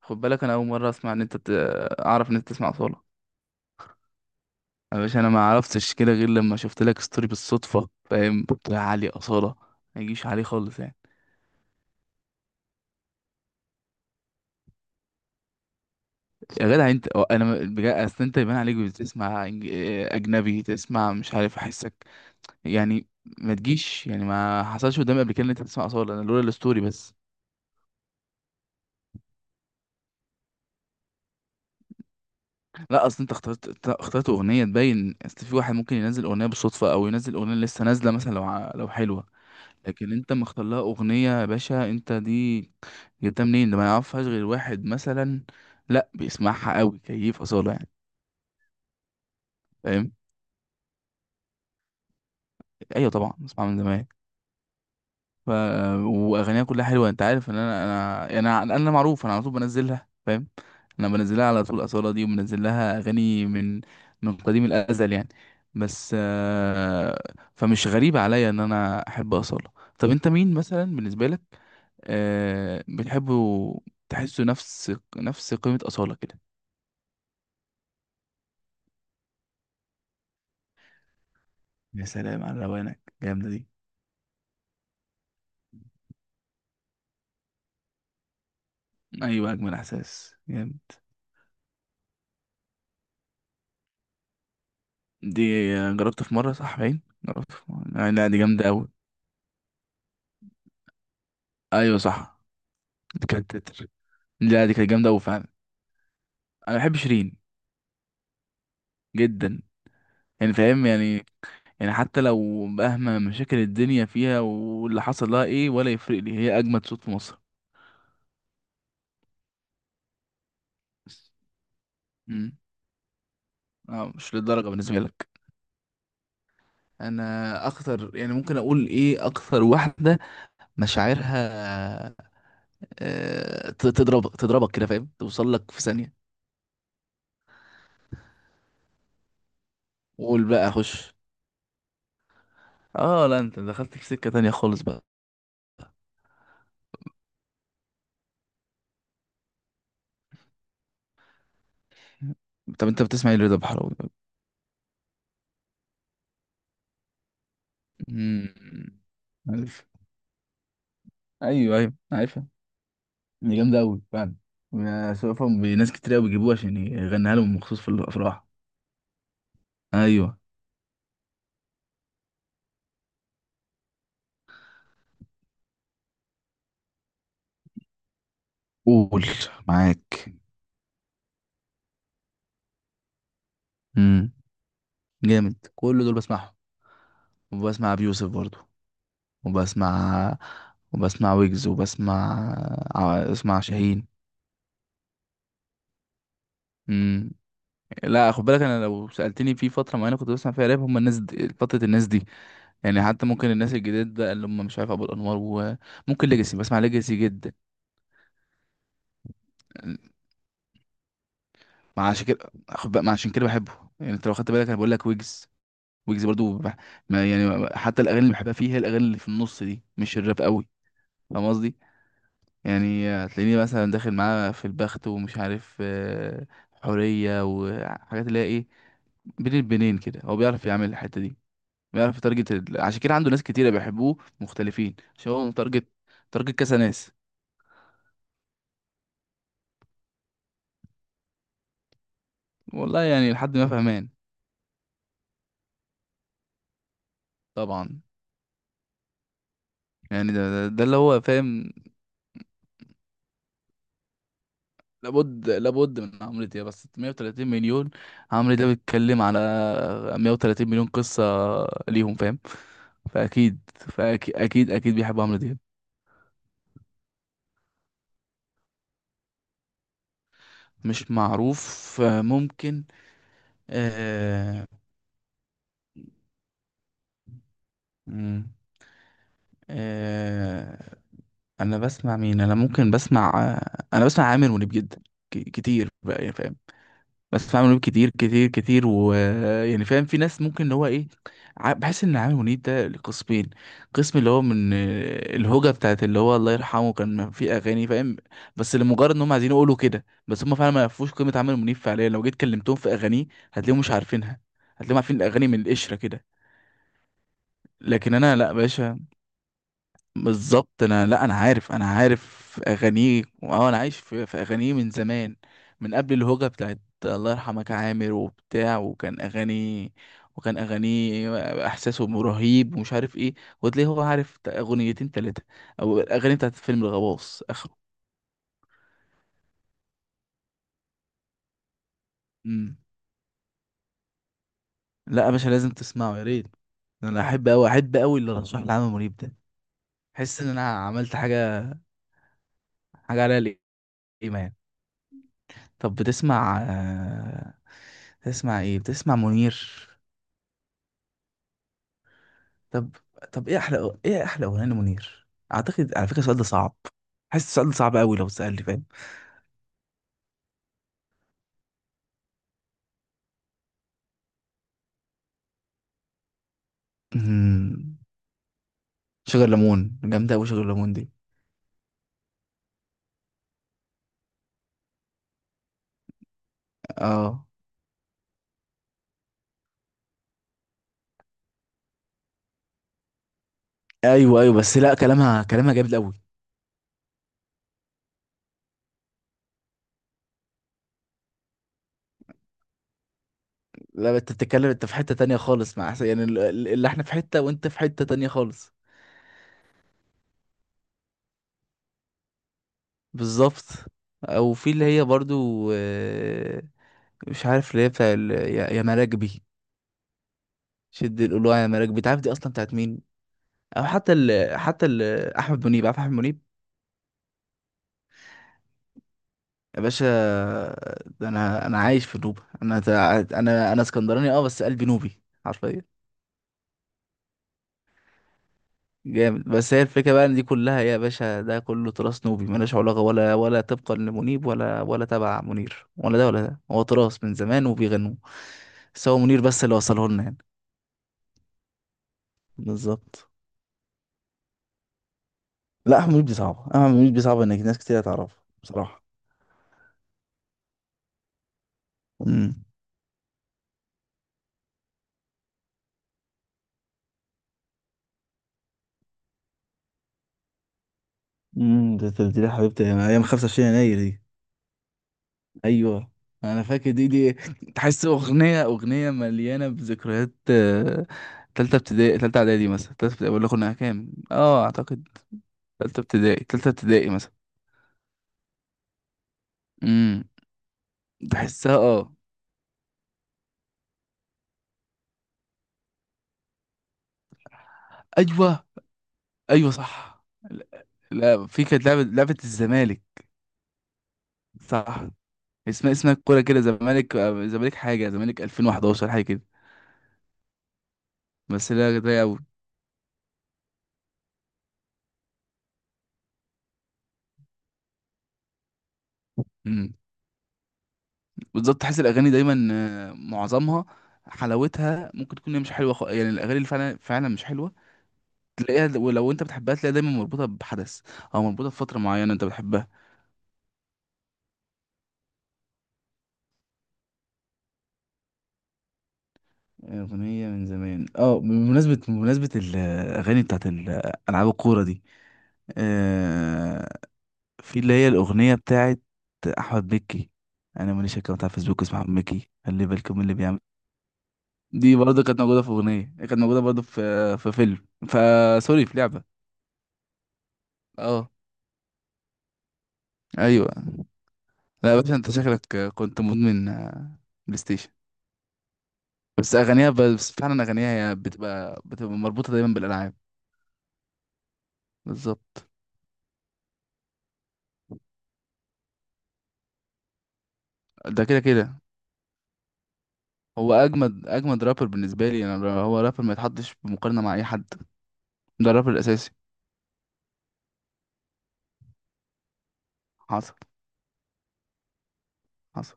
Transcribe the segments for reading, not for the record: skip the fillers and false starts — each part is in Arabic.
خد بالك، انا اول مره اسمع ان انت اعرف ان انت تسمع اصاله. يا باشا، انا ما عرفتش كده غير لما شفت لك ستوري بالصدفه، فاهم يا علي؟ اصاله ما يجيش عليه خالص يعني. يا جدع، انت أو انا بجد، اصل انت يبان عليك بتسمع اجنبي، تسمع مش عارف احسك يعني. ما تجيش يعني، ما حصلش قدامي قبل كده ان انت تسمع اصاله. انا لولا الستوري، بس. لا اصل انت اخترت اغنيه تبين. اصل في واحد ممكن ينزل اغنيه بالصدفه او ينزل اغنيه لسه نازله مثلا، لو حلوه. لكن انت مختار لها اغنيه يا باشا. انت دي جبتها منين؟ ده ما يعرفهاش غير واحد مثلا، لا بيسمعها قوي كيف اصاله يعني. فاهم. ايوه طبعا بسمعها من زمان. ف واغانيها كلها حلوه. انت عارف ان انا يعني، انا معروف، انا على طول بنزلها، فاهم. انا بنزلها على طول اصاله دي، وبنزل لها اغاني من قديم الازل يعني. بس فمش غريب عليا ان انا احب اصاله. طب انت مين مثلا بالنسبه لك بتحبه؟ تحسه نفس قيمة أصالة كده؟ يا سلام على روانك جامدة دي. أيوة أجمل إحساس جامد. دي جربت في مرة، صح؟ باين جربت في مرة. لا لا، دي جامدة أوي. أيوة صح، دي كانت تتر. لا دي كانت جامدة أوي فعلا. أنا بحب شيرين جدا. يعني فاهم يعني حتى لو مهما مشاكل الدنيا فيها واللي حصل لها إيه، ولا يفرق لي، هي أجمد صوت في مصر. مم. اه، مش للدرجة بالنسبة لك؟ انا اكتر يعني، ممكن اقول ايه، اكتر واحده مشاعرها. تضربك كده، فاهم، توصل لك في ثانيه. قول بقى، خش. اه لا، انت دخلت في سكه تانية خالص بقى. طب انت بتسمع ايه لرضا بحراوي؟ مم. عارف. ايوه ايوه، عارفها، دي جامده قوي فعلا. يا سوفهم بناس كتير قوي بيجيبوها عشان يغنيها لهم مخصوص في الافراح. ايوه، قول، معاك. امم جامد، كل دول بسمعهم. وبسمع ابي يوسف برضو. وبسمع وبسمع ويجز، وبسمع اسمع شاهين. امم لا خد بالك، انا لو سالتني في فتره معينه كنت بسمع فيها راب، هم الناس دي، فتره الناس دي. يعني حتى ممكن الناس الجداد ده اللي هم، مش عارف، ابو الانوار. وممكن ليجاسي، بسمع ليجاسي جدا. مع عشان كده بحبه. يعني انت لو خدت بالك، انا بقول لك ويجز. ويجز برضو ما يعني، حتى الاغاني اللي بحبها فيه هي الاغاني اللي في النص دي، مش الراب قوي. فاهم قصدي؟ يعني هتلاقيني مثلا داخل معاه في البخت ومش عارف، حورية، وحاجات اللي هي ايه، بين البنين كده. هو بيعرف يعمل الحتة دي، بيعرف يتارجت عشان كده عنده ناس كتيرة بيحبوه مختلفين، عشان هو متارجت، تارجت كذا ناس. والله يعني لحد ما فهمان. طبعا، يعني ده اللي هو فاهم. لابد من عمرو دياب. بس 130 مليون، عمرو دياب بيتكلم على 130 مليون قصة ليهم، فاهم. فأكيد فأكيد أكيد أكيد بيحب عمرو دياب. مش معروف، ممكن. آه مم، آه انا بسمع مين، انا؟ ممكن بسمع انا بسمع عامر منيب جدا، كتير بقى يعني فاهم. بسمع عامر منيب كتير كتير كتير، ويعني فاهم في ناس ممكن اللي هو ايه، بحس ان عامر منيب ده لقسمين. قسم اللي هو من الهوجة بتاعت اللي هو الله يرحمه، كان في اغاني فاهم، بس لمجرد ان هم عايزين يقولوا كده. بس هم فعلا ما يعرفوش قيمة عامر منيب. فعليا لو جيت كلمتهم في اغانيه هتلاقيهم مش عارفينها، هتلاقيهم عارفين الاغاني من القشرة كده. لكن انا لا باشا، بالظبط. انا لا، انا عارف اغانيه، واه انا عايش في اغانيه من زمان، من قبل الهوجة بتاعت الله يرحمك يا عامر وبتاع. وكان اغاني احساسه رهيب ومش عارف ايه. وتلاقيه هو عارف اغنيتين تلاتة، او الاغاني بتاعت فيلم الغواص اخره. امم لا يا باشا، لازم تسمعه، يا ريت. انا احب قوي احب قوي اللي رشح لي عمرو منيب ده. احس ان انا عملت حاجة، حاجة عليها قيمة يعني. طب بتسمع بتسمع ايه، بتسمع منير؟ طب، ايه احلى اغنيه لمنير؟ اعتقد على فكره السؤال ده صعب، حاسس السؤال ده صعب قوي لو اتسالني، فاهم. أمم، شجر ليمون جامده قوي، شجر ليمون دي، اه. ايوه ايوه، بس لا، كلامها جامد قوي. لا انت بتتكلم، انت في حته تانية خالص. يعني اللي احنا في حته وانت في حته تانية خالص. بالظبط. او في اللي هي برضو، مش عارف، اللي هي بتاع يا مراكبي، شد القلوع يا مراكب. بتعرف دي اصلا بتاعت مين؟ او حتى احمد منيب، عارف احمد منيب؟ يا باشا، ده انا عايش في نوبة. انا تع- انا انا اسكندراني اه، بس قلبي نوبي حرفيا. جامد، بس هي الفكرة بقى ان دي كلها يا باشا، ده كله تراث نوبي ملوش علاقة، ولا طبقا لمنيب ولا تبع منير، ولا ده ولا ده. هو تراث من زمان وبيغنوه. بس هو منير بس اللي وصله لنا يعني. بالظبط. لا، احمد منيب دي صعبة انك، ناس كتير هتعرفها بصراحة. امم، امم. تبديل يا حبيبتي يعني، ايام 25 يناير دي. ايوه، انا فاكر دي. تحس اغنيه، مليانه بذكريات، تالتة ابتدائي تالتة اعدادي مثلا، تالتة ابتدائي، ولا كنا كام اه، اعتقد تالتة ابتدائي مثلا. امم تحسها اه. ايوه ايوه صح. لا, لا، في كانت لعبه، الزمالك، صح. اسمها الكوره كده، زمالك، زمالك حاجه، زمالك 2011 حاجه كده. بس لا ده قوي، بالظبط. تحس الاغاني دايما، معظمها، حلاوتها ممكن تكون هي مش حلوه، يعني الاغاني اللي فعلا فعلا مش حلوه تلاقيها ولو انت بتحبها تلاقيها دايما مربوطه بحدث او مربوطه بفتره معينه انت بتحبها. اغنيه من زمان، اه، بمناسبه الاغاني بتاعت العاب الكوره دي، آه في اللي هي الاغنيه بتاعت احمد مكي. انا ماليش اكونت على فيسبوك اسمه احمد مكي خلي بالكم من اللي بيعمل. دي برضه كانت موجوده في اغنيه، كانت موجوده برضه في فيلم فسوري، في لعبه اه. ايوه، لا يا باشا، انت شكلك كنت مدمن، بلاي ستيشن. بس اغانيها بس فعلا اغانيها هي بتبقى مربوطه دايما بالالعاب. بالظبط، ده كده كده. هو اجمد اجمد رابر بالنسبه لي انا. هو رابر ما يتحطش في مقارنه مع اي حد، ده الرابر الاساسي. حصل، حصل.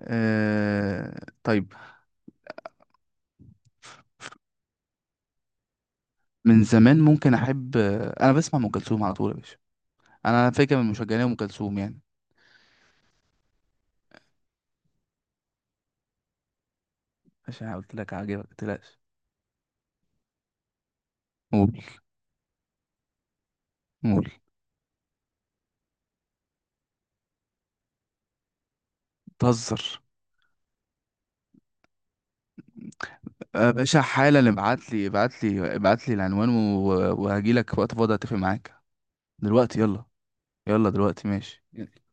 طيب. من زمان ممكن احب. انا بسمع ام كلثوم على طول يا باشا، انا فاكر من مشجعين ام كلثوم يعني. عشان قلت لك عاجبك، ما تقلقش. قول، قول. بتهزر؟ باشا حالا، ابعت لي ابعت لي ابعت لي العنوان وهجي لك وقت فاضي، اتفق معاك. دلوقتي يلا، يلا دلوقتي، ماشي.